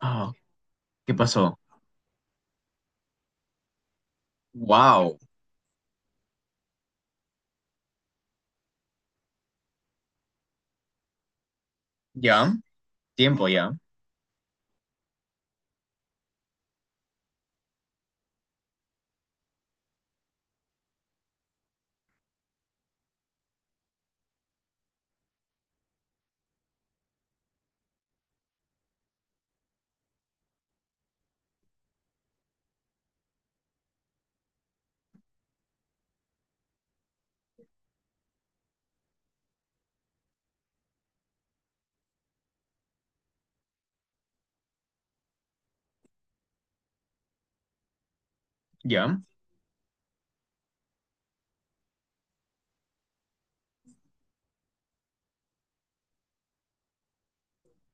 Ah, ¿qué pasó? Wow, ya, tiempo ya, ya.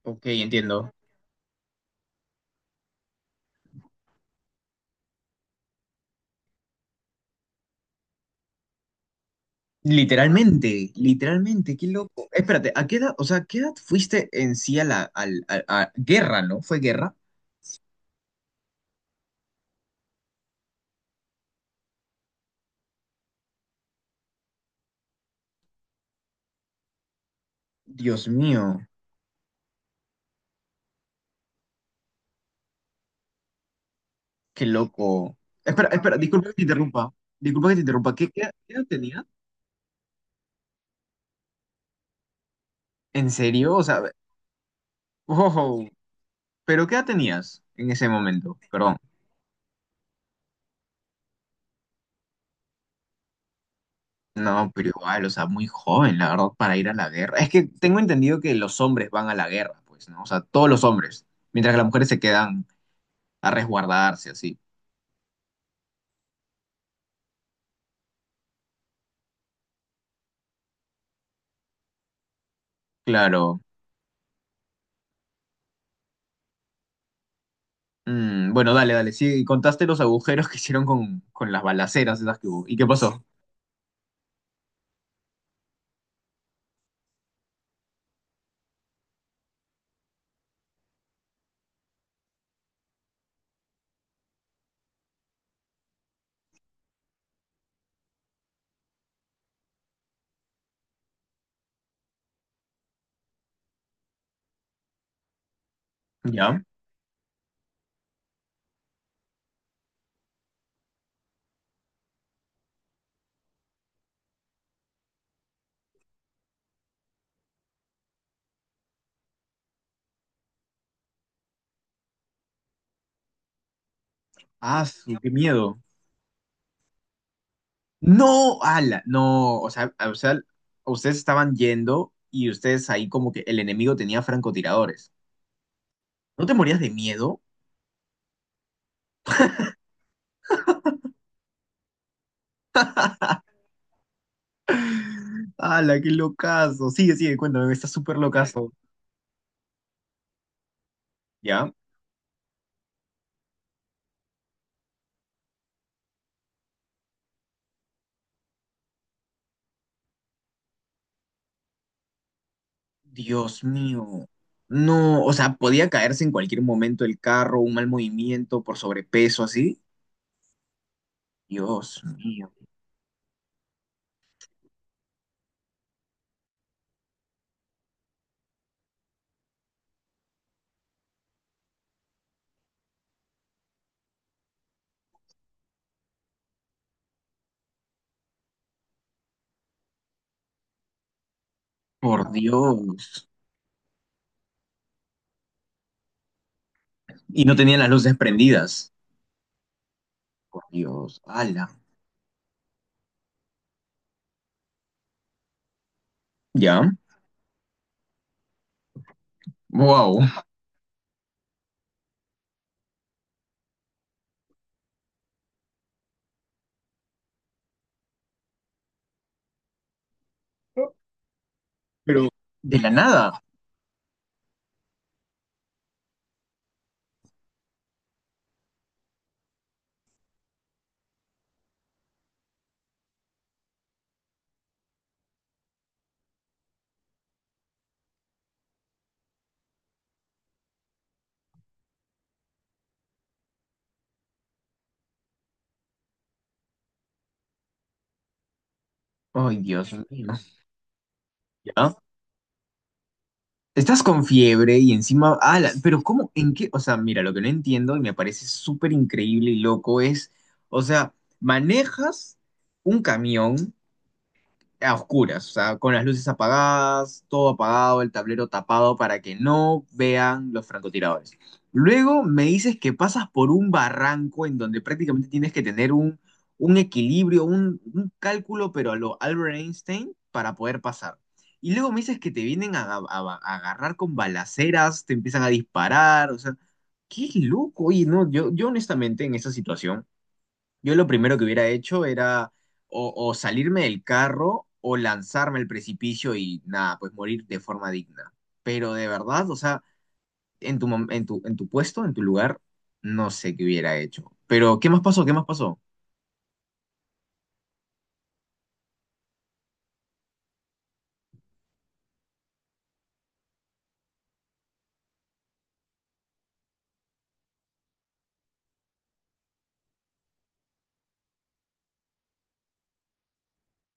Ok, entiendo. Literalmente, literalmente, qué loco. Espérate, ¿a qué edad, o sea, qué edad fuiste en sí a la a guerra, ¿no? ¿Fue guerra? Dios mío, qué loco. Espera, espera, disculpa que te interrumpa. Disculpa que te interrumpa. ¿Qué edad tenías? ¿En serio? O sea, wow, pero ¿qué edad tenías en ese momento? Perdón. No, pero igual, o sea, muy joven, la verdad, para ir a la guerra. Es que tengo entendido que los hombres van a la guerra, pues, ¿no? O sea, todos los hombres, mientras que las mujeres se quedan a resguardarse, así. Claro. Bueno, dale, dale. Sí, contaste los agujeros que hicieron con las balaceras esas que hubo. ¿Y qué pasó? ¿Ya? Ah, qué miedo. No, ala, no, o sea, ustedes estaban yendo y ustedes ahí como que el enemigo tenía francotiradores. ¿No te morías de miedo? ¡Hala, qué locazo! Sigue, sigue, cuéntame, está súper locazo. ¿Ya? Dios mío. No, o sea, podía caerse en cualquier momento el carro, un mal movimiento por sobrepeso, así. Dios mío, por Dios. Y no tenían las luces prendidas. Por Dios, ¡hala! ¿Ya? ¡Wow! Pero de la nada. ¡Ay, Dios mío! ¿Ya? Estás con fiebre y encima, ala, pero ¿cómo? ¿En qué? O sea, mira, lo que no entiendo y me parece súper increíble y loco es, o sea, manejas un camión a oscuras, o sea, con las luces apagadas, todo apagado, el tablero tapado para que no vean los francotiradores. Luego me dices que pasas por un barranco en donde prácticamente tienes que tener un equilibrio, un cálculo, pero a lo Albert Einstein para poder pasar. Y luego me dices que te vienen a, a agarrar con balaceras, te empiezan a disparar, o sea, qué loco. Oye, no, yo honestamente en esa situación yo lo primero que hubiera hecho era o salirme del carro o lanzarme al precipicio y nada, pues morir de forma digna. Pero de verdad, o sea, en tu, en tu, en tu puesto, en tu lugar, no sé qué hubiera hecho. Pero, ¿qué más pasó? ¿Qué más pasó?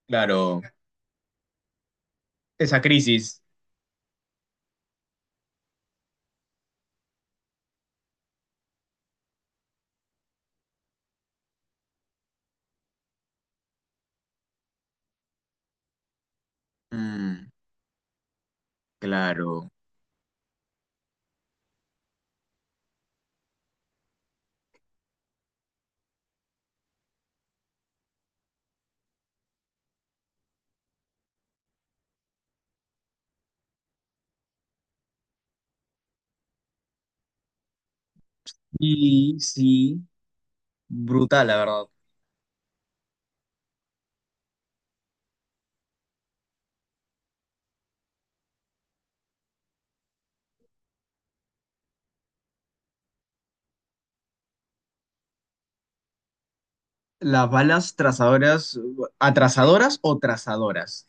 Claro, esa crisis. Mm, claro. Y sí, brutal, la verdad. Las balas trazadoras, atrasadoras o trazadoras.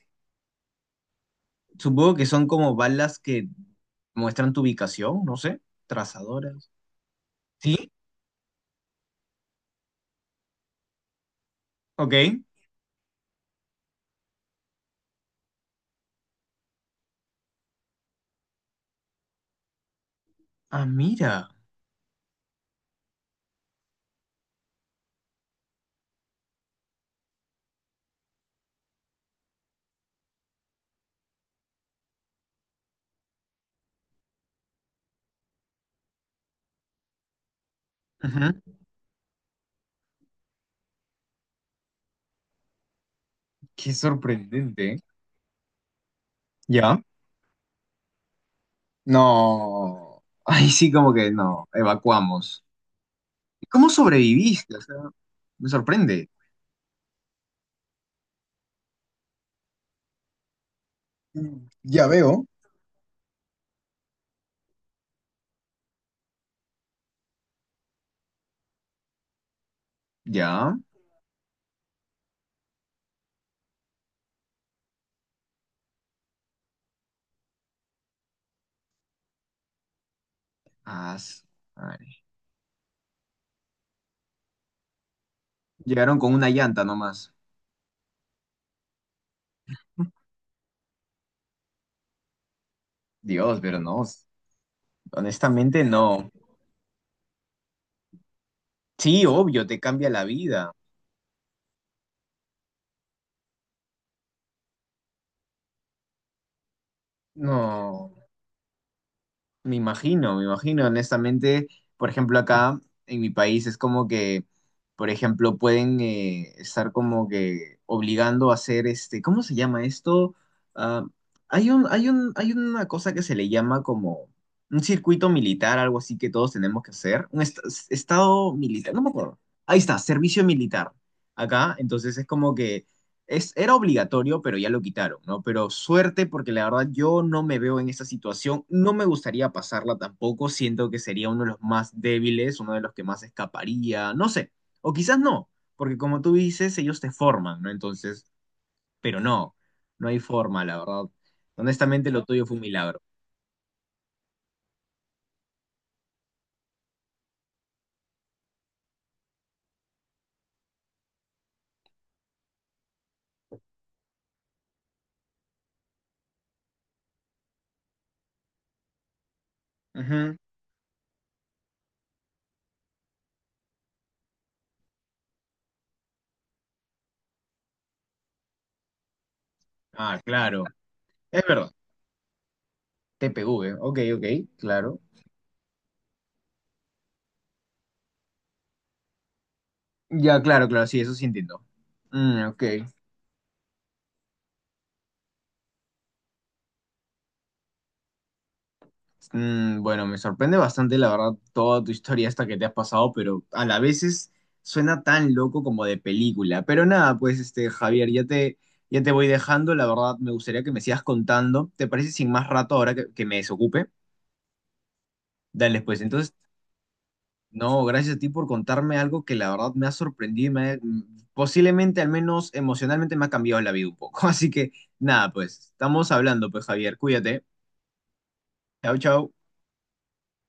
Supongo que son como balas que muestran tu ubicación, no sé, trazadoras. Sí, ok. Ah, mira. Ujú. Qué sorprendente. ¿Eh? ¿Ya? No. Ay, sí, como que no. Evacuamos. ¿Cómo sobreviviste? O sea, me sorprende. Ya veo. ¿Ya? Ah, ay. Llegaron con una llanta nomás. Dios, pero no. Honestamente, no. Sí, obvio, te cambia la vida. No. Me imagino, honestamente, por ejemplo, acá en mi país es como que, por ejemplo, pueden estar como que obligando a hacer este, ¿cómo se llama esto? Ah, hay una cosa que se le llama como un circuito militar, algo así que todos tenemos que hacer, un estado militar, no me acuerdo. Ahí está, servicio militar. Acá, entonces es como que es, era obligatorio, pero ya lo quitaron, ¿no? Pero suerte, porque la verdad yo no me veo en esa situación, no me gustaría pasarla tampoco, siento que sería uno de los más débiles, uno de los que más escaparía, no sé, o quizás no, porque como tú dices, ellos te forman, ¿no? Entonces, pero no, no hay forma, la verdad. Honestamente, lo tuyo fue un milagro. Ujú. Ah, claro, es verdad, TPV, ok, ok, claro. Ya, claro, claro, sí, eso sí entiendo. Ok. Bueno, me sorprende bastante, la verdad, toda tu historia esta que te has pasado, pero a la vez suena tan loco como de película. Pero nada, pues este, Javier, ya te voy dejando, la verdad, me gustaría que me sigas contando. ¿Te parece sin más rato ahora que me desocupe? Dale, pues entonces, no, gracias a ti por contarme algo que la verdad me ha sorprendido y me ha, posiblemente, al menos emocionalmente, me ha cambiado la vida un poco. Así que nada, pues estamos hablando, pues Javier, cuídate. Chao, chao.